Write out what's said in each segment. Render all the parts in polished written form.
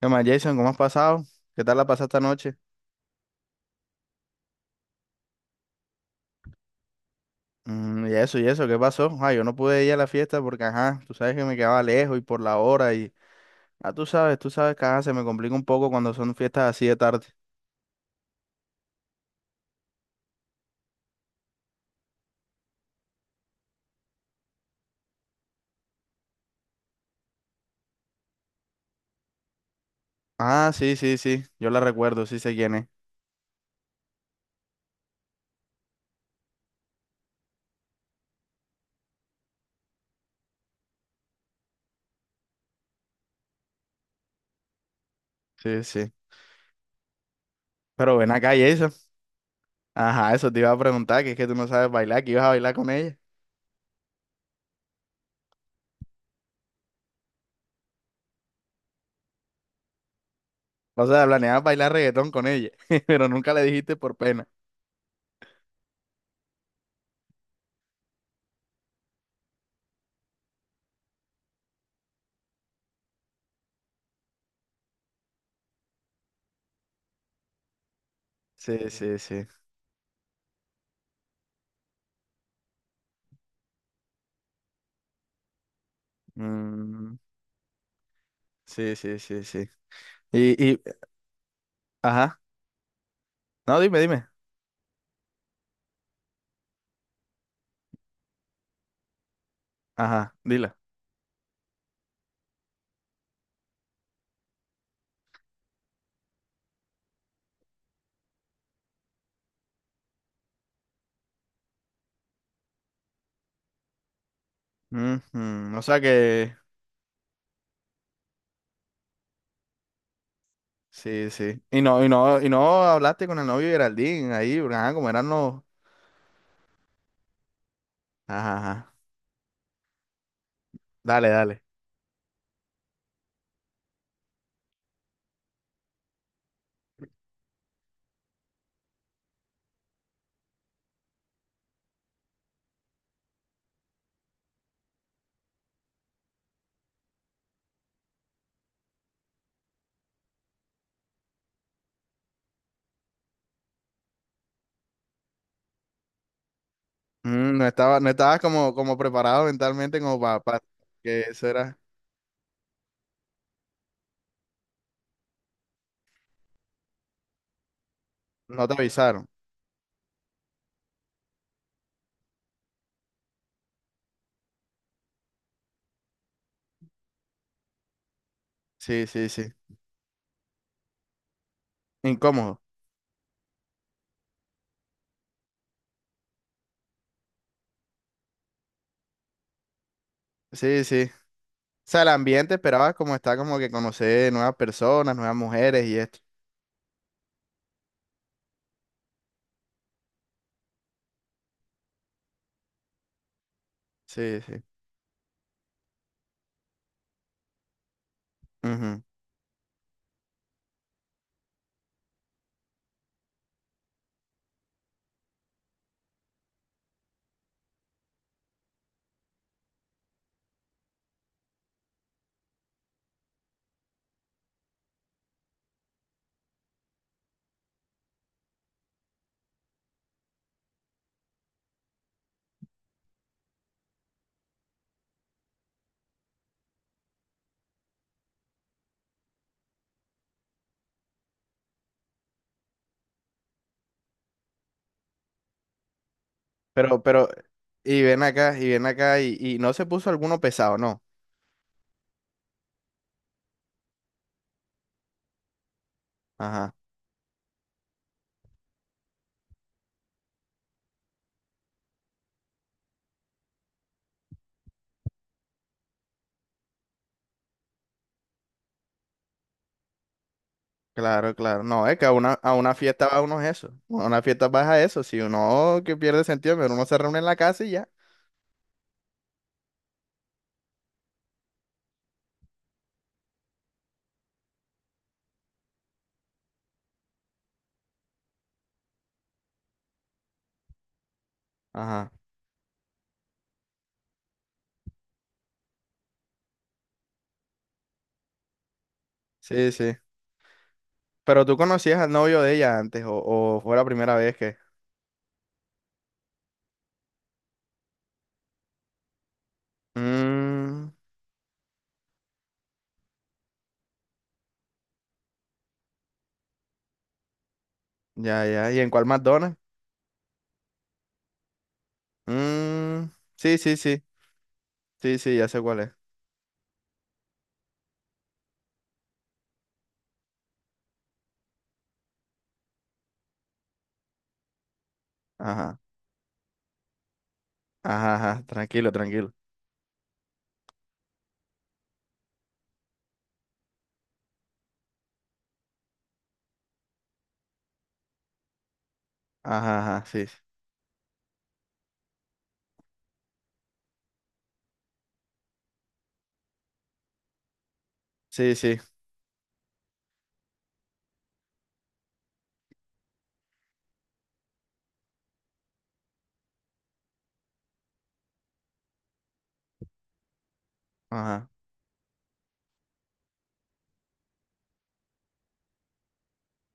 ¿Qué más, Jason? ¿Cómo has pasado? ¿Qué tal la pasaste anoche? Mm, y eso, ¿qué pasó? Ah, yo no pude ir a la fiesta porque, ajá, tú sabes que me quedaba lejos y por la hora y... Ah, tú sabes que, ajá, se me complica un poco cuando son fiestas así de tarde. Ah, sí, sí, sí, yo la recuerdo, sí sé quién es. Sí, sí. Pero ven acá, Jason. Ajá, eso te iba a preguntar, que es que tú no sabes bailar, que ibas a bailar con ella. O sea, planeabas bailar reggaetón con ella, pero nunca le dijiste por pena. Sí, sí, sí. Mm, sí, sí, sí, sí. Y, y, ajá. No, dime, dime. Ajá, dila. Ujú. O sea que, sí, sí. Y no hablaste con el novio de Geraldine ahí, porque, ajá, como eran los. Ajá, ajá. Dale, dale. Mm, no estabas como, como preparado mentalmente como para, que eso era. No te avisaron. Sí, sí, sí. Incómodo. Sí, sí. O sea, el ambiente esperabas como está como que conocer nuevas personas, nuevas mujeres y esto. Sí, sí. Ujú. Pero, pero, y ven acá, y no se puso alguno pesado, ¿no? Ajá. Claro, claro. No, es que a una fiesta va uno es eso. A una fiesta vas a eso. Si uno que pierde sentido, pero uno se reúne en la casa y ya. Ajá. Sí, sí. Pero tú conocías al novio de ella antes, o fue la primera vez que. Mmm. Ya, ya. ¿Y en cuál McDonald's? Mmm. Sí, sí, sí. Sí, sí, ya sé cuál es. Ajá. Ajá, ajá. Tranquilo, tranquilo. Ajá, ajá. Sí. Sí, sí. Ajá.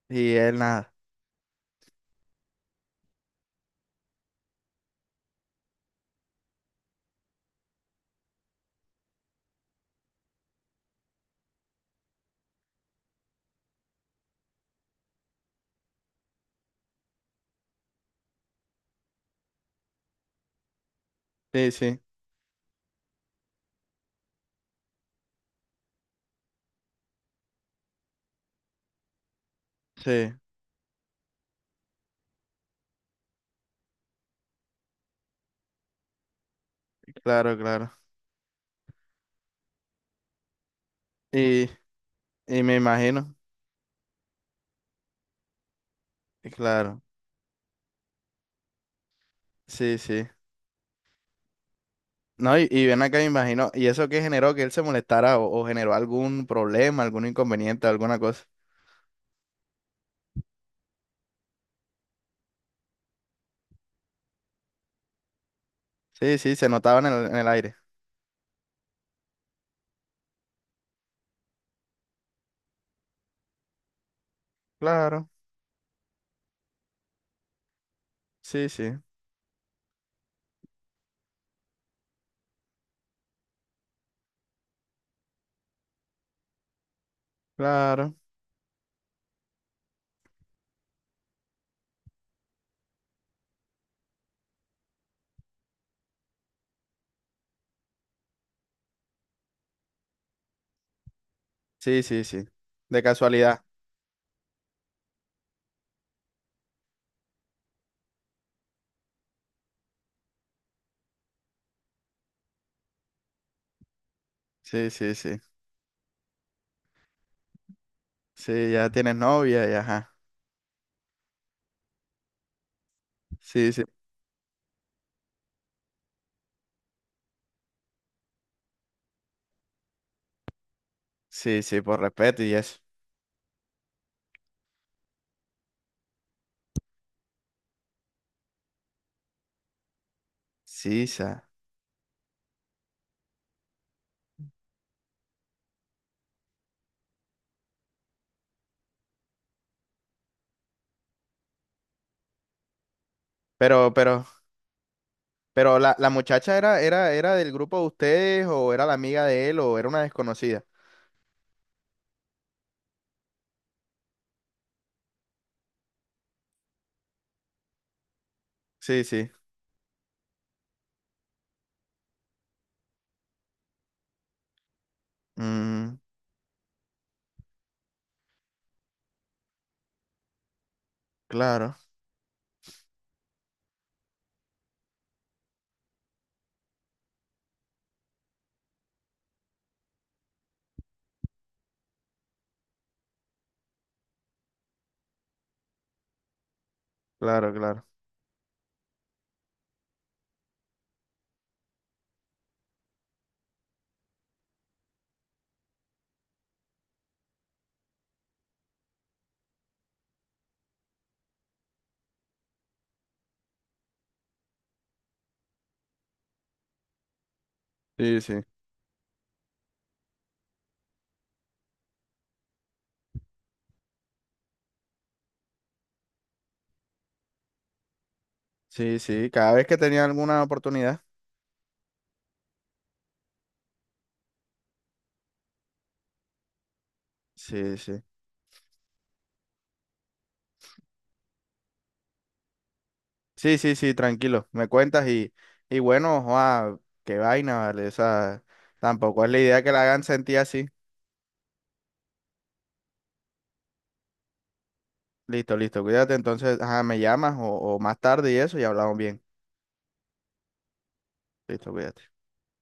Y él nada. Sí, sí. Sí. Claro, claro. Y, y me imagino. Claro. Sí, sí. No, y ven acá, me imagino, ¿y eso qué generó que él se molestara o generó algún problema, algún inconveniente, alguna cosa? Sí, sí, se notaba en el aire. Claro, sí, sí, claro. Sí, sí, sí. De casualidad. Sí, sí, sí. Sí, ya tienes novia y ajá. Sí, sí. Sí, sí, por respeto y eso. Sí, sa. Pero, pero, pero la, la muchacha era, era, era del grupo de ustedes o era la amiga de él o era una desconocida. Sí, sí. Mm, claro, claro, claro. Sí, sí. Sí, sí, cada vez que tenía alguna oportunidad. Sí, sí. Sí, sí, sí, tranquilo. Me cuentas y bueno, joa, qué vaina, ¿vale? O sea, tampoco es la idea que la hagan sentir así. Listo, listo, cuídate. Entonces, ajá, me llamas o más tarde y eso y hablamos bien. Listo, cuídate.